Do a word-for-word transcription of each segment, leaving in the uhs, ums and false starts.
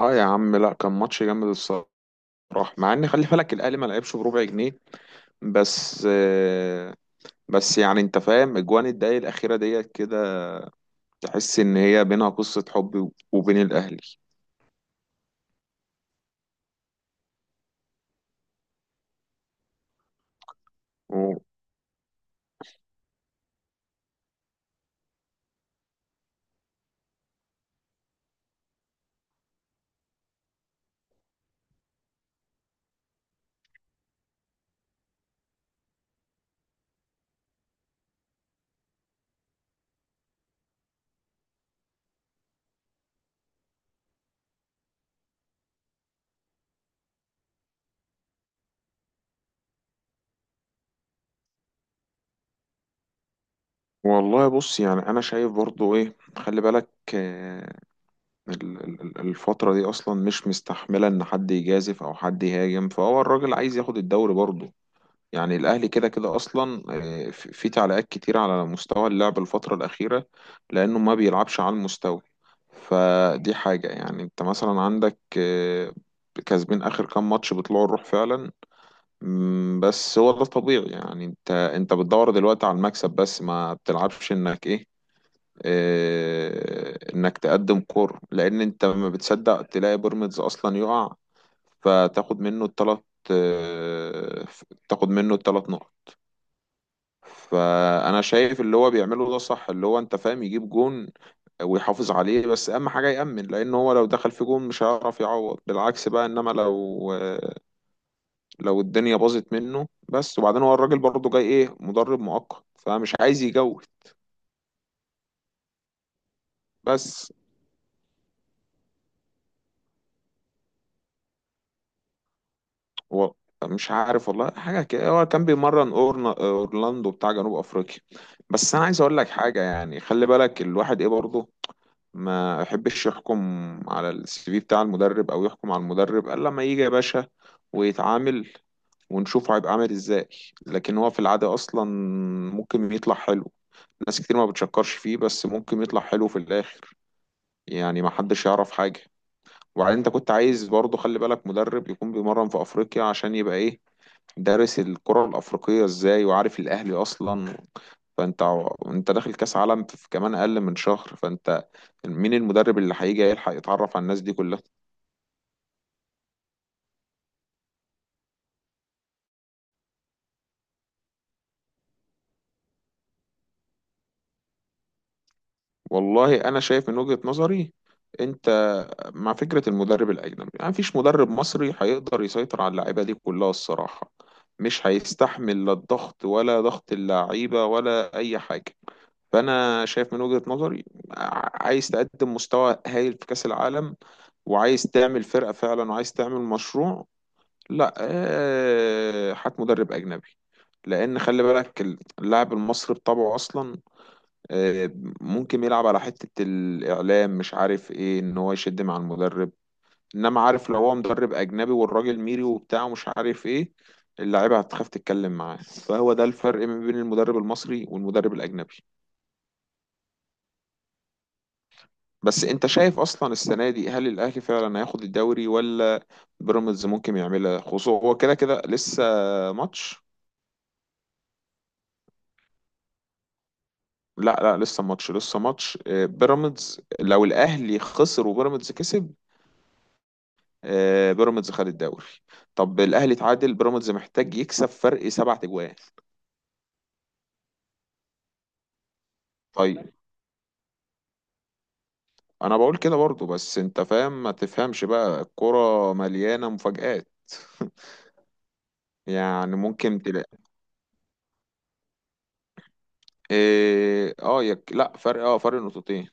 اه يا عم، لا كان ماتش جامد الصراحه. مع ان خلي بالك الاهلي ما لعبش بربع جنيه، بس آه، بس يعني انت فاهم اجوان الدقايق الاخيره ديت كده تحس ان هي بينها قصه حب وبين الاهلي. و- والله بص، يعني انا شايف برضو ايه، خلي بالك آه، ال- ال- الفتره دي اصلا مش مستحمله ان حد يجازف او حد يهاجم، فهو الراجل عايز ياخد الدوري برضو. يعني الأهلي كده كده أصلا آه، في في تعليقات كتير على مستوى اللعب الفترة الأخيرة، لأنه ما بيلعبش على المستوى. فدي حاجة. يعني أنت مثلا عندك آه، كسبين آخر كام ماتش بيطلعوا الروح فعلا. مم، بس هو ده طبيعي. يعني أنت أنت بتدور دلوقتي على المكسب بس، ما بتلعبش إنك إيه، آه، إنك تقدم كور، لأن أنت ما بتصدق تلاقي بيراميدز أصلا يقع فتاخد منه التلات، آه، تاخد منه التلات نقط. فانا شايف اللي هو بيعمله ده صح، اللي هو انت فاهم يجيب جون ويحافظ عليه. بس اهم حاجه يامن، لان هو لو دخل في جون مش هيعرف يعوض، بالعكس بقى. انما لو لو الدنيا باظت منه بس، وبعدين هو الراجل برضه جاي ايه، مدرب مؤقت، فمش عايز يجود بس. هو مش عارف والله، حاجه كده، هو كان بيمرن أورنا- اورلاندو بتاع جنوب افريقيا. بس انا عايز اقول لك حاجه، يعني خلي بالك الواحد ايه برضه ما يحبش يحكم على السي في بتاع المدرب، او يحكم على المدرب الا لما يجي يا باشا ويتعامل ونشوفه هيبقى عامل ازاي. لكن هو في العادة اصلا ممكن يطلع حلو، ناس كتير ما بتشكرش فيه بس ممكن يطلع حلو في الاخر. يعني ما حدش يعرف حاجة. وبعدين انت كنت عايز برضه، خلي بالك، مدرب يكون بيمرن في افريقيا عشان يبقى ايه، دارس الكرة الافريقية ازاي وعارف الاهلي اصلا. فانت ع- انت داخل كاس عالم في كمان اقل من شهر، فانت مين المدرب اللي هيجي يلحق يتعرف على الناس دي كلها؟ والله انا شايف من وجهة نظري، انت مع فكرة المدرب الاجنبي. يعني مفيش مدرب مصري هيقدر يسيطر على اللعيبة دي كلها الصراحة، مش هيستحمل لا الضغط ولا ضغط اللعيبة ولا اي حاجة. فانا شايف من وجهة نظري، ع- عايز تقدم مستوى هايل في كاس العالم، وعايز تعمل فرقة فعلا، وعايز تعمل مشروع، لا آه، هات مدرب أجنبي. لأن خلي بالك اللاعب المصري بطبعه أصلا آه، ممكن يلعب على حتة الإعلام مش عارف إيه، إن هو يشد مع المدرب. إنما عارف لو هو مدرب أجنبي والراجل ميري وبتاع ومش عارف إيه، اللعيبة هتخاف تتكلم معاه. فهو ده الفرق ما بين المدرب المصري والمدرب الأجنبي. بس أنت شايف أصلا السنة دي هل الأهلي فعلا هياخد الدوري، ولا بيراميدز ممكن يعملها؟ خصوصا هو كده كده لسه ماتش. لا لا، لسه ماتش لسه ماتش. آه، بيراميدز لو الاهلي خسر وبيراميدز كسب آه، بيراميدز خد الدوري. طب الاهلي تعادل، بيراميدز محتاج يكسب فرق سبع تجوان. طيب، انا بقول كده برضو، بس انت فاهم، ما تفهمش بقى، الكرة مليانة مفاجآت. يعني ممكن تلاقي إيه، اه يك... لا فرق، اه فرق نقطتين.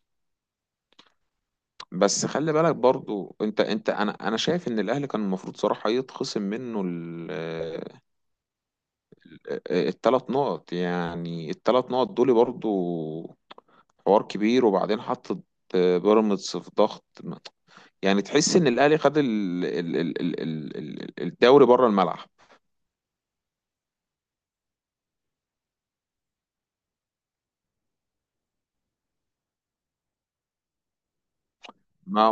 بس خلي بالك برضو، انت انت انا انا شايف ان الاهلي كان المفروض صراحة يتخصم منه ال- الثلاث نقط. يعني الثلاث نقط دول برضو حوار كبير. وبعدين حطت بيراميدز في ضغط. يعني تحس ان الاهلي خد ال- ال- ال- ال- ال- ال- الدوري بره الملعب. ما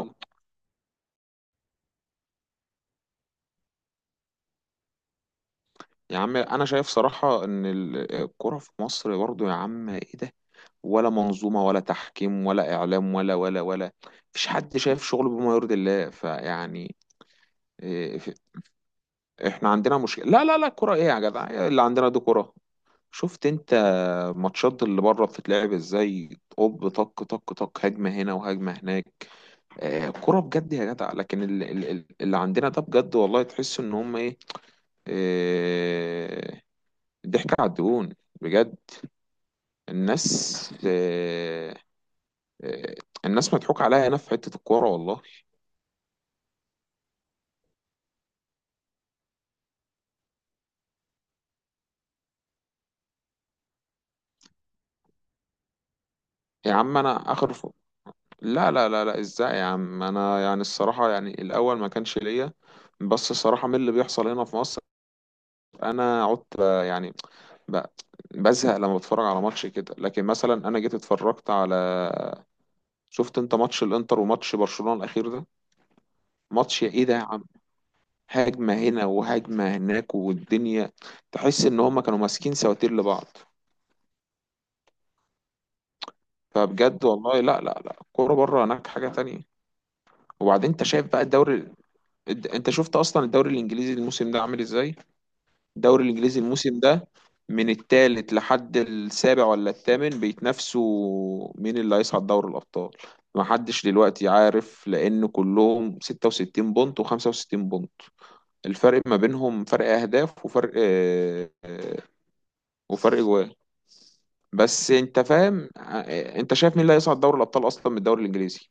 يا عم، انا شايف صراحة ان ال- الكرة في مصر برضو، يا عم ايه ده، ولا منظومة ولا تحكيم ولا اعلام ولا ولا ولا، مفيش حد شايف شغله بما يرضي الله فيعني. إيه، في- احنا عندنا مشكلة. لا لا لا، كرة ايه يا جدع، اللي عندنا دي كرة؟ شفت انت الماتشات اللي بره بتتلعب ازاي؟ اوب طق طق طق، هجمه هنا وهجمه هناك، آه كرة بجد يا جدع. لكن ال- ال- ال- اللي عندنا ده، بجد والله تحس ان هم ايه، آه، ضحك على الدهون، بجد. الناس آه، آه، الناس مضحوك عليها هنا في حتة الكورة والله. يا عم انا اخر ف... لا لا لا لا، ازاي يا عم، انا يعني الصراحة، يعني الاول ما كانش ليا، بس الصراحة من اللي بيحصل هنا في مصر انا عدت يعني، ب- بزهق لما بتفرج على ماتش كده. لكن مثلا انا جيت اتفرجت على، شفت انت ماتش الانتر وماتش برشلونة الاخير ده؟ ماتش ايه ده يا عم. هجمة هنا وهجمة هناك، والدنيا تحس ان هما كانوا ماسكين سواتير لبعض. فبجد والله، لا لا لا، الكورة بره هناك حاجة تانية. وبعدين انت شايف بقى الدوري، الد- انت شفت اصلا الدوري الانجليزي الموسم ده عامل ازاي؟ الدوري الانجليزي الموسم ده من الثالث لحد السابع ولا الثامن بيتنافسوا مين اللي هيصعد دوري الابطال. ما حدش دلوقتي عارف لان كلهم ستة وستين بونت و65 بونت، الفرق ما بينهم فرق اهداف وفرق آه، آه، وفرق جوان. بس انت فاهم آه، انت شايف مين اللي هيصعد دوري الابطال اصلا من الدوري الانجليزي؟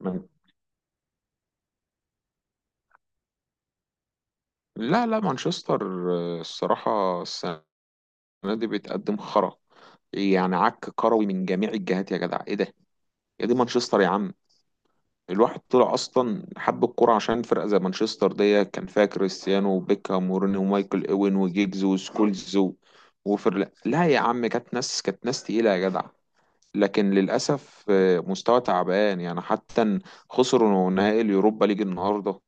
من- لا لا، مانشستر آه، الصراحة السنة دي بتقدم خرا. يعني عك كروي من جميع الجهات، يا جدع ايه ده. يا دي مانشستر يا عم، الواحد طلع اصلا حب الكوره عشان فرقه زي مانشستر دي، كان فيها كريستيانو وبيكهام وروني ومايكل اوين وجيجز وسكولز و- وفر، لا يا عم، كانت ناس، كانت ناس تقيله يا جدع. لكن للاسف آه، مستوى تعبان. يعني حتى إن خسروا نهائي اليوروبا ليج النهارده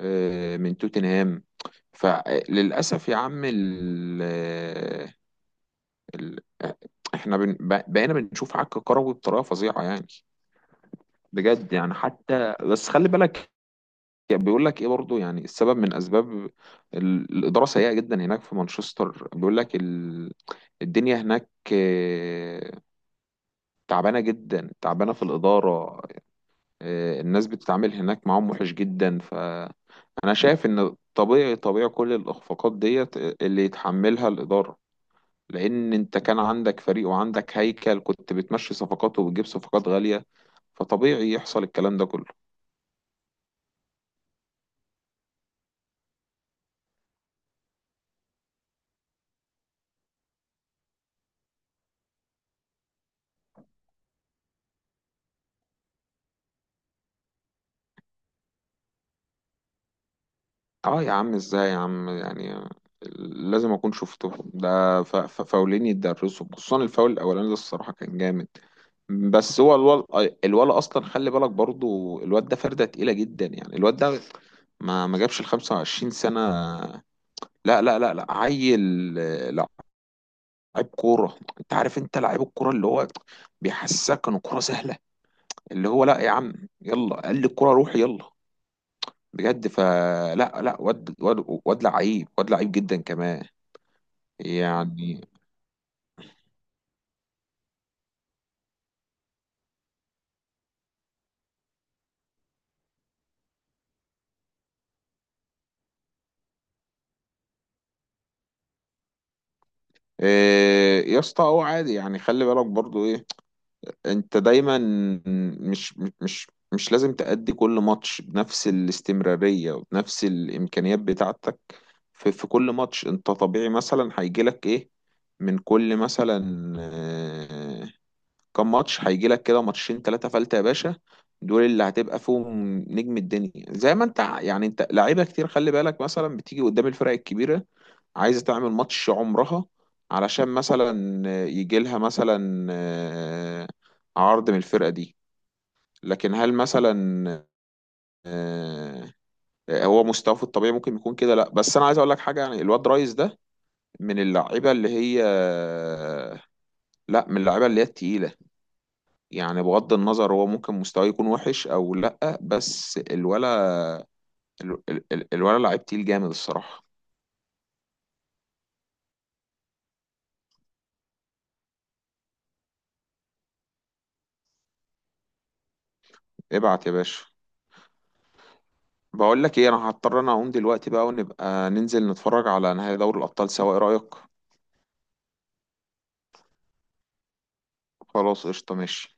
آه، من توتنهام. فللاسف يا عم ال آه، ال آه، احنا بن... بقينا بنشوف عك كروي بطريقه فظيعه يعني. بجد. يعني حتى، بس خلي بالك، يعني بيقول لك ايه برضو، يعني السبب من اسباب، ال- الاداره سيئه جدا هناك في مانشستر. بيقول لك ال... الدنيا هناك آه، تعبانه جدا، تعبانه في الاداره. آه، الناس بتتعامل هناك معاهم وحش جدا. فانا شايف ان طبيعي، طبيعي كل الاخفاقات ديت آه، اللي يتحملها الاداره، لان انت كان عندك فريق وعندك هيكل، كنت بتمشي صفقات وبتجيب صفقات غاليه، فطبيعي يحصل الكلام ده كله. اه يا عم، ازاي يا عم. يعني لازم اكون شفته ده. ف- ف- فاولين يتدرسوا، خصوصا الفاول الاولاني ده الصراحه كان جامد. بس هو الولا، الولا اصلا خلي بالك برضو، الواد ده فرده تقيله جدا. يعني الواد ده ما ما جابش ال خمسة وعشرين سنه. لا لا لا لا، عيل لعيب كوره. انت عارف انت لعيب الكوره اللي هو بيحسسك ان الكوره سهله، اللي هو لا يا عم، يلا قال لي الكوره روح يلا. بجد، فلا لا لا، واد واد واد لعيب، واد لعيب جدا كمان. يعني إيه يا اسطى، هو عادي يعني. خلي بالك برضو ايه، انت دايما مش مش مش لازم تأدي كل ماتش بنفس الاستمرارية وبنفس الإمكانيات بتاعتك. في, في كل ماتش انت طبيعي مثلا هيجيلك ايه، من كل مثلا آه، كام ماتش هيجيلك كده، ماتشين ثلاثة فلتة يا باشا. دول اللي هتبقى فيهم نجم الدنيا، زي ما انت ع- يعني انت لعيبة كتير خلي بالك مثلا بتيجي قدام الفرق الكبيرة عايزة تعمل ماتش عمرها علشان مثلا يجي لها مثلا آه، عرض من الفرقة دي. لكن هل مثلا آه، هو مستواه في الطبيعي ممكن يكون كده؟ لا، بس انا عايز اقول لك حاجه يعني، الواد رايز ده من اللعيبه اللي هي، لا من اللعيبه اللي هي التقيله. يعني بغض النظر هو ممكن مستواه يكون وحش او لا، بس الولا ال- ال- الولا لعيب تقيل جامد الصراحه. ابعت يا باشا. بقول لك ايه، انا هضطر انا اقوم دلوقتي بقى، ونبقى ننزل نتفرج على نهائي دوري الابطال سوا، ايه رايك؟ خلاص، قشطه، ماشي.